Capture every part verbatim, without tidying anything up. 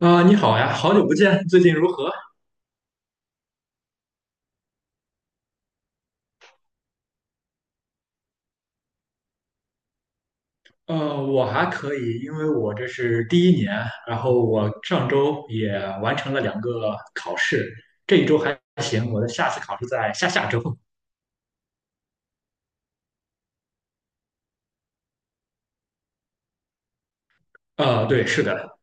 啊、你好呀，好久不见，最近如何？呃，我还可以，因为我这是第一年，然后我上周也完成了两个考试，这一周还行，我的下次考试在下下周。啊、对，是的，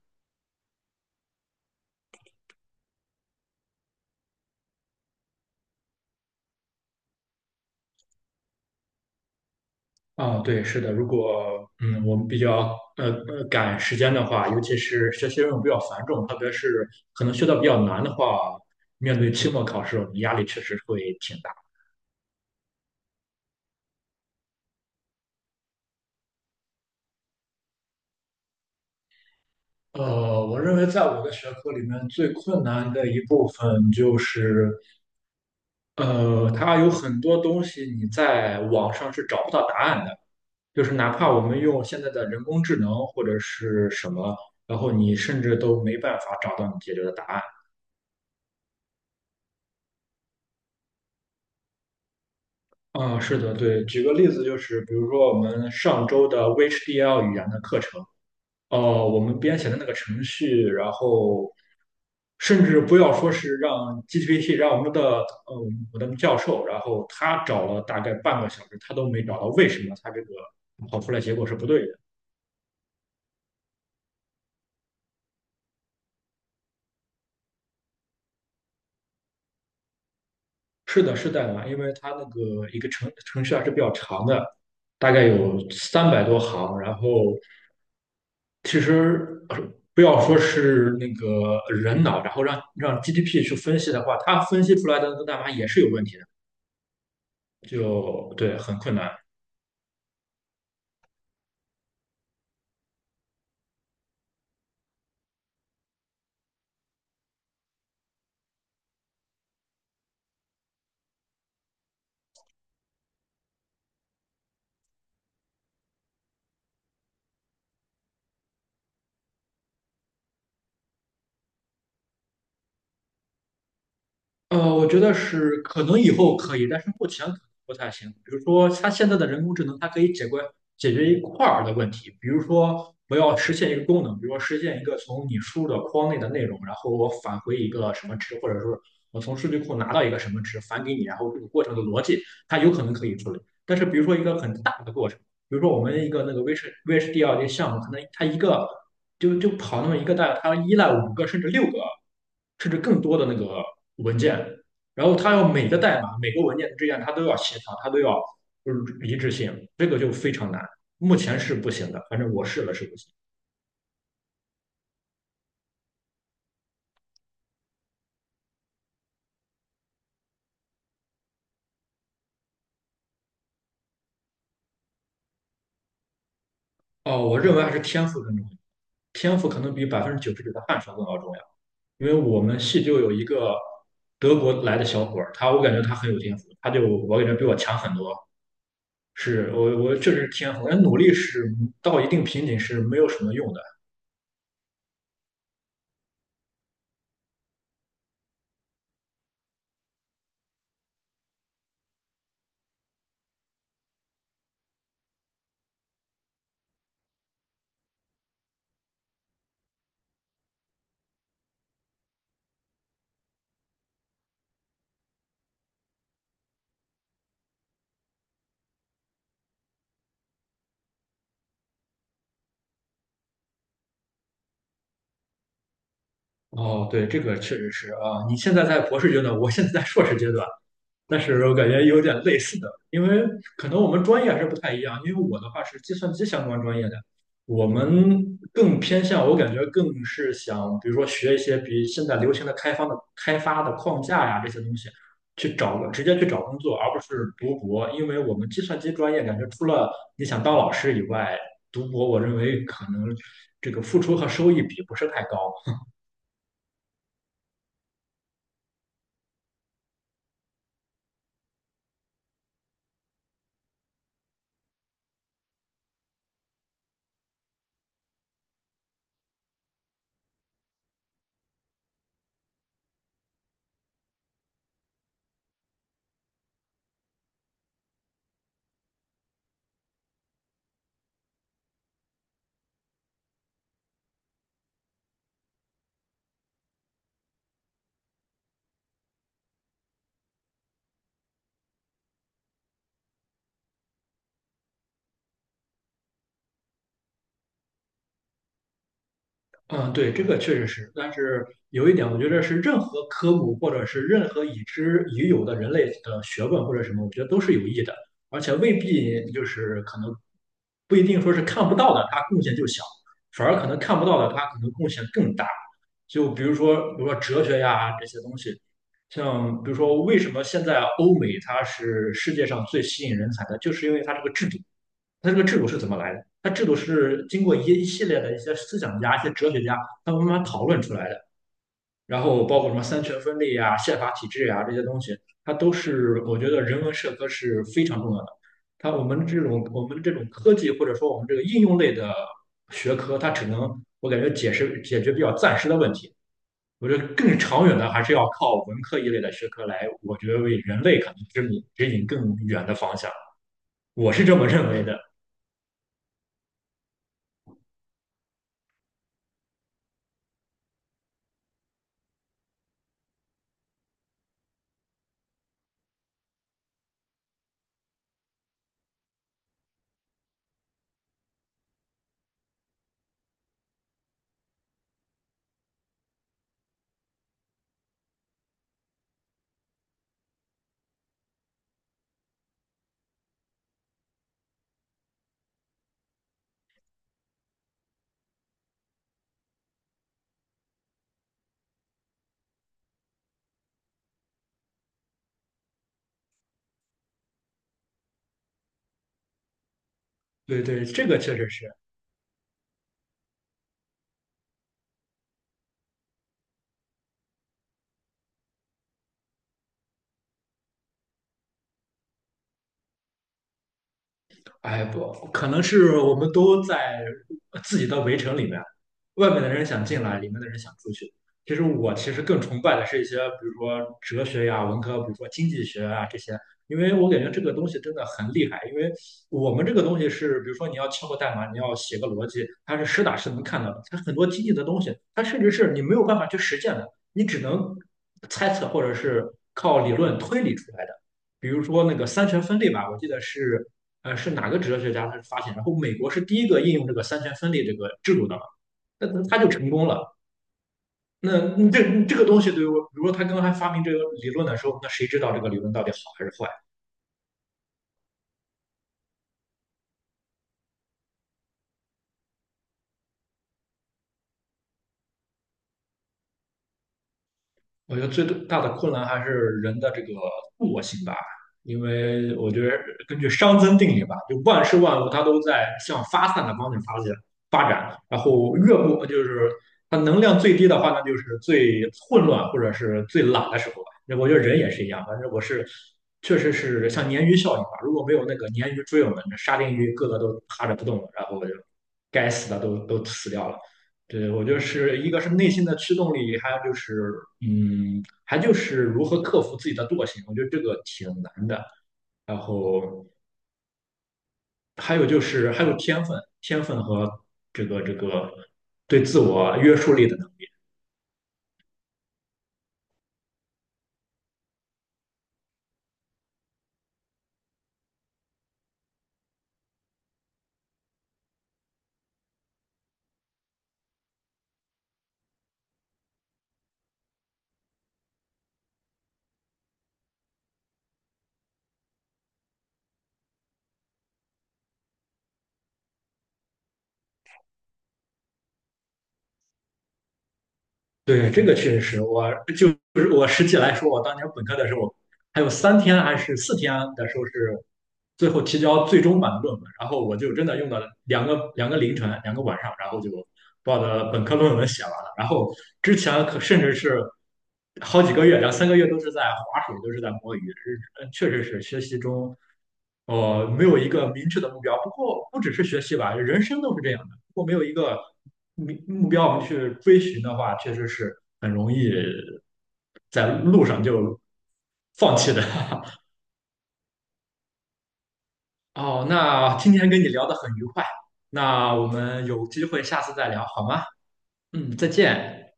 啊、对，是的，如果嗯，我们比较呃呃赶时间的话，尤其是学习任务比较繁重，特别是可能学到比较难的话，面对期末考试，我们压力确实会挺大。呃，我认为在我的学科里面最困难的一部分就是，呃，它有很多东西你在网上是找不到答案的，就是哪怕我们用现在的人工智能或者是什么，然后你甚至都没办法找到你解决的答案。啊，是的，对。举个例子，就是比如说我们上周的 V H D L 语言的课程。哦，我们编写的那个程序，然后甚至不要说是让 G P T,让我们的呃我的教授，然后他找了大概半个小时，他都没找到为什么他这个跑出来结果是不对的。是的，是的啊，因为它那个一个程程序还是比较长的，大概有三百多行，然后其实呃不要说是那个人脑，然后让让 G D P 去分析的话，它分析出来的那个代码也是有问题的，就对，很困难。呃，我觉得是可能以后可以，但是目前可能不太行。比如说，它现在的人工智能，它可以解决解决一块儿的问题，比如说我要实现一个功能，比如说实现一个从你输入的框内的内容，然后我返回一个什么值，或者说我从数据库拿到一个什么值返给你，然后这个过程的逻辑，它有可能可以处理。但是比如说一个很大的过程。比如说我们一个那个 V H V H D L 个项目，可能它一个就就跑那么一个大概，它依赖五个甚至六个甚至更多的那个文件，然后它要每个代码每个文件之间它都要协调，它都要就是一致性，这个就非常难，目前是不行的，反正我试了是不行。哦，我认为还是天赋更重要，天赋可能比百分之九十九的汗水更要重要，因为我们系就有一个德国来的小伙儿，他我感觉他很有天赋，他就我感觉比我强很多。是我我确实赋。人努力是到一定瓶颈是没有什么用的。哦，对，这个确实是啊。你现在在博士阶段，我现在在硕士阶段，但是我感觉有点类似的，因为可能我们专业还是不太一样。因为我的话是计算机相关专业的，我们更偏向，我感觉更是想，比如说学一些比现在流行的开发的开发的框架呀这些东西，去找个直接去找工作，而不是读博。因为我们计算机专业感觉除了你想当老师以外，读博我认为可能这个付出和收益比不是太高。嗯，对，这个确实是，但是有一点，我觉得是任何科目或者是任何已知已有的人类的学问或者什么，我觉得都是有益的，而且未必就是可能不一定说是看不到的，它贡献就小，反而可能看不到的，它可能贡献更大。就比如说，比如说哲学呀这些东西，像比如说为什么现在欧美它是世界上最吸引人才的，就是因为它这个制度。它这个制度是怎么来的？它制度是经过一一系列的一些思想家、一些哲学家，他们慢慢讨论出来的。然后包括什么三权分立啊、宪法体制啊这些东西，它都是我觉得人文社科是非常重要的。它我们这种我们这种科技或者说我们这个应用类的学科，它只能我感觉解释解决比较暂时的问题。我觉得更长远的还是要靠文科一类的学科来，我觉得为人类可能指引指引更远的方向。我是这么认为的。对对，这个确实是。哎不，可能是我们都在自己的围城里面，外面的人想进来，里面的人想出去。其实我其实更崇拜的是一些，比如说哲学呀、文科，比如说经济学啊这些，因为我感觉这个东西真的很厉害。因为我们这个东西是，比如说你要敲个代码，你要写个逻辑，它是实打实能看到的。它很多经济的东西，它甚至是你没有办法去实践的，你只能猜测或者是靠理论推理出来的。比如说那个三权分立吧，我记得是呃，是哪个哲学家他是发现，然后美国是第一个应用这个三权分立这个制度的嘛，那那他就成功了。那嗯这嗯这个东西对于我，比如说他刚才发明这个理论的时候，那谁知道这个理论到底好还是坏？我觉得最大的困难还是人的这个惰性吧，因为我觉得根据熵增定理吧，就万事万物它都在向发散的方向发展发展，然后越不就是它能量最低的话呢，那就是最混乱或者是最懒的时候吧。那我觉得人也是一样，反正我是确实是像鲶鱼效应吧，如果没有那个鲶鱼追我们，那沙丁鱼个个都趴着不动了，然后就该死的都都死掉了。对，我觉得是一个是内心的驱动力，还有就是，嗯，还就是如何克服自己的惰性，我觉得这个挺难的。然后还有就是还有天分，天分和这个这个对自我约束力的对，这个确实是我，就是我实际来说，我当年本科的时候，还有三天还是四天的时候是最后提交最终版的论文，然后我就真的用了两个两个凌晨，两个晚上，然后就把我的本科论文写完了。然后之前可甚至是好几个月，两三个月都是在划水，都是在摸鱼，是呃确实是学习中。呃，没有一个明确的目标。不过不只是学习吧，人生都是这样的。如果没有一个明目标我们去追寻的话，确实是很容易在路上就放弃的。哦，那今天跟你聊得很愉快，那我们有机会下次再聊好吗？嗯，再见。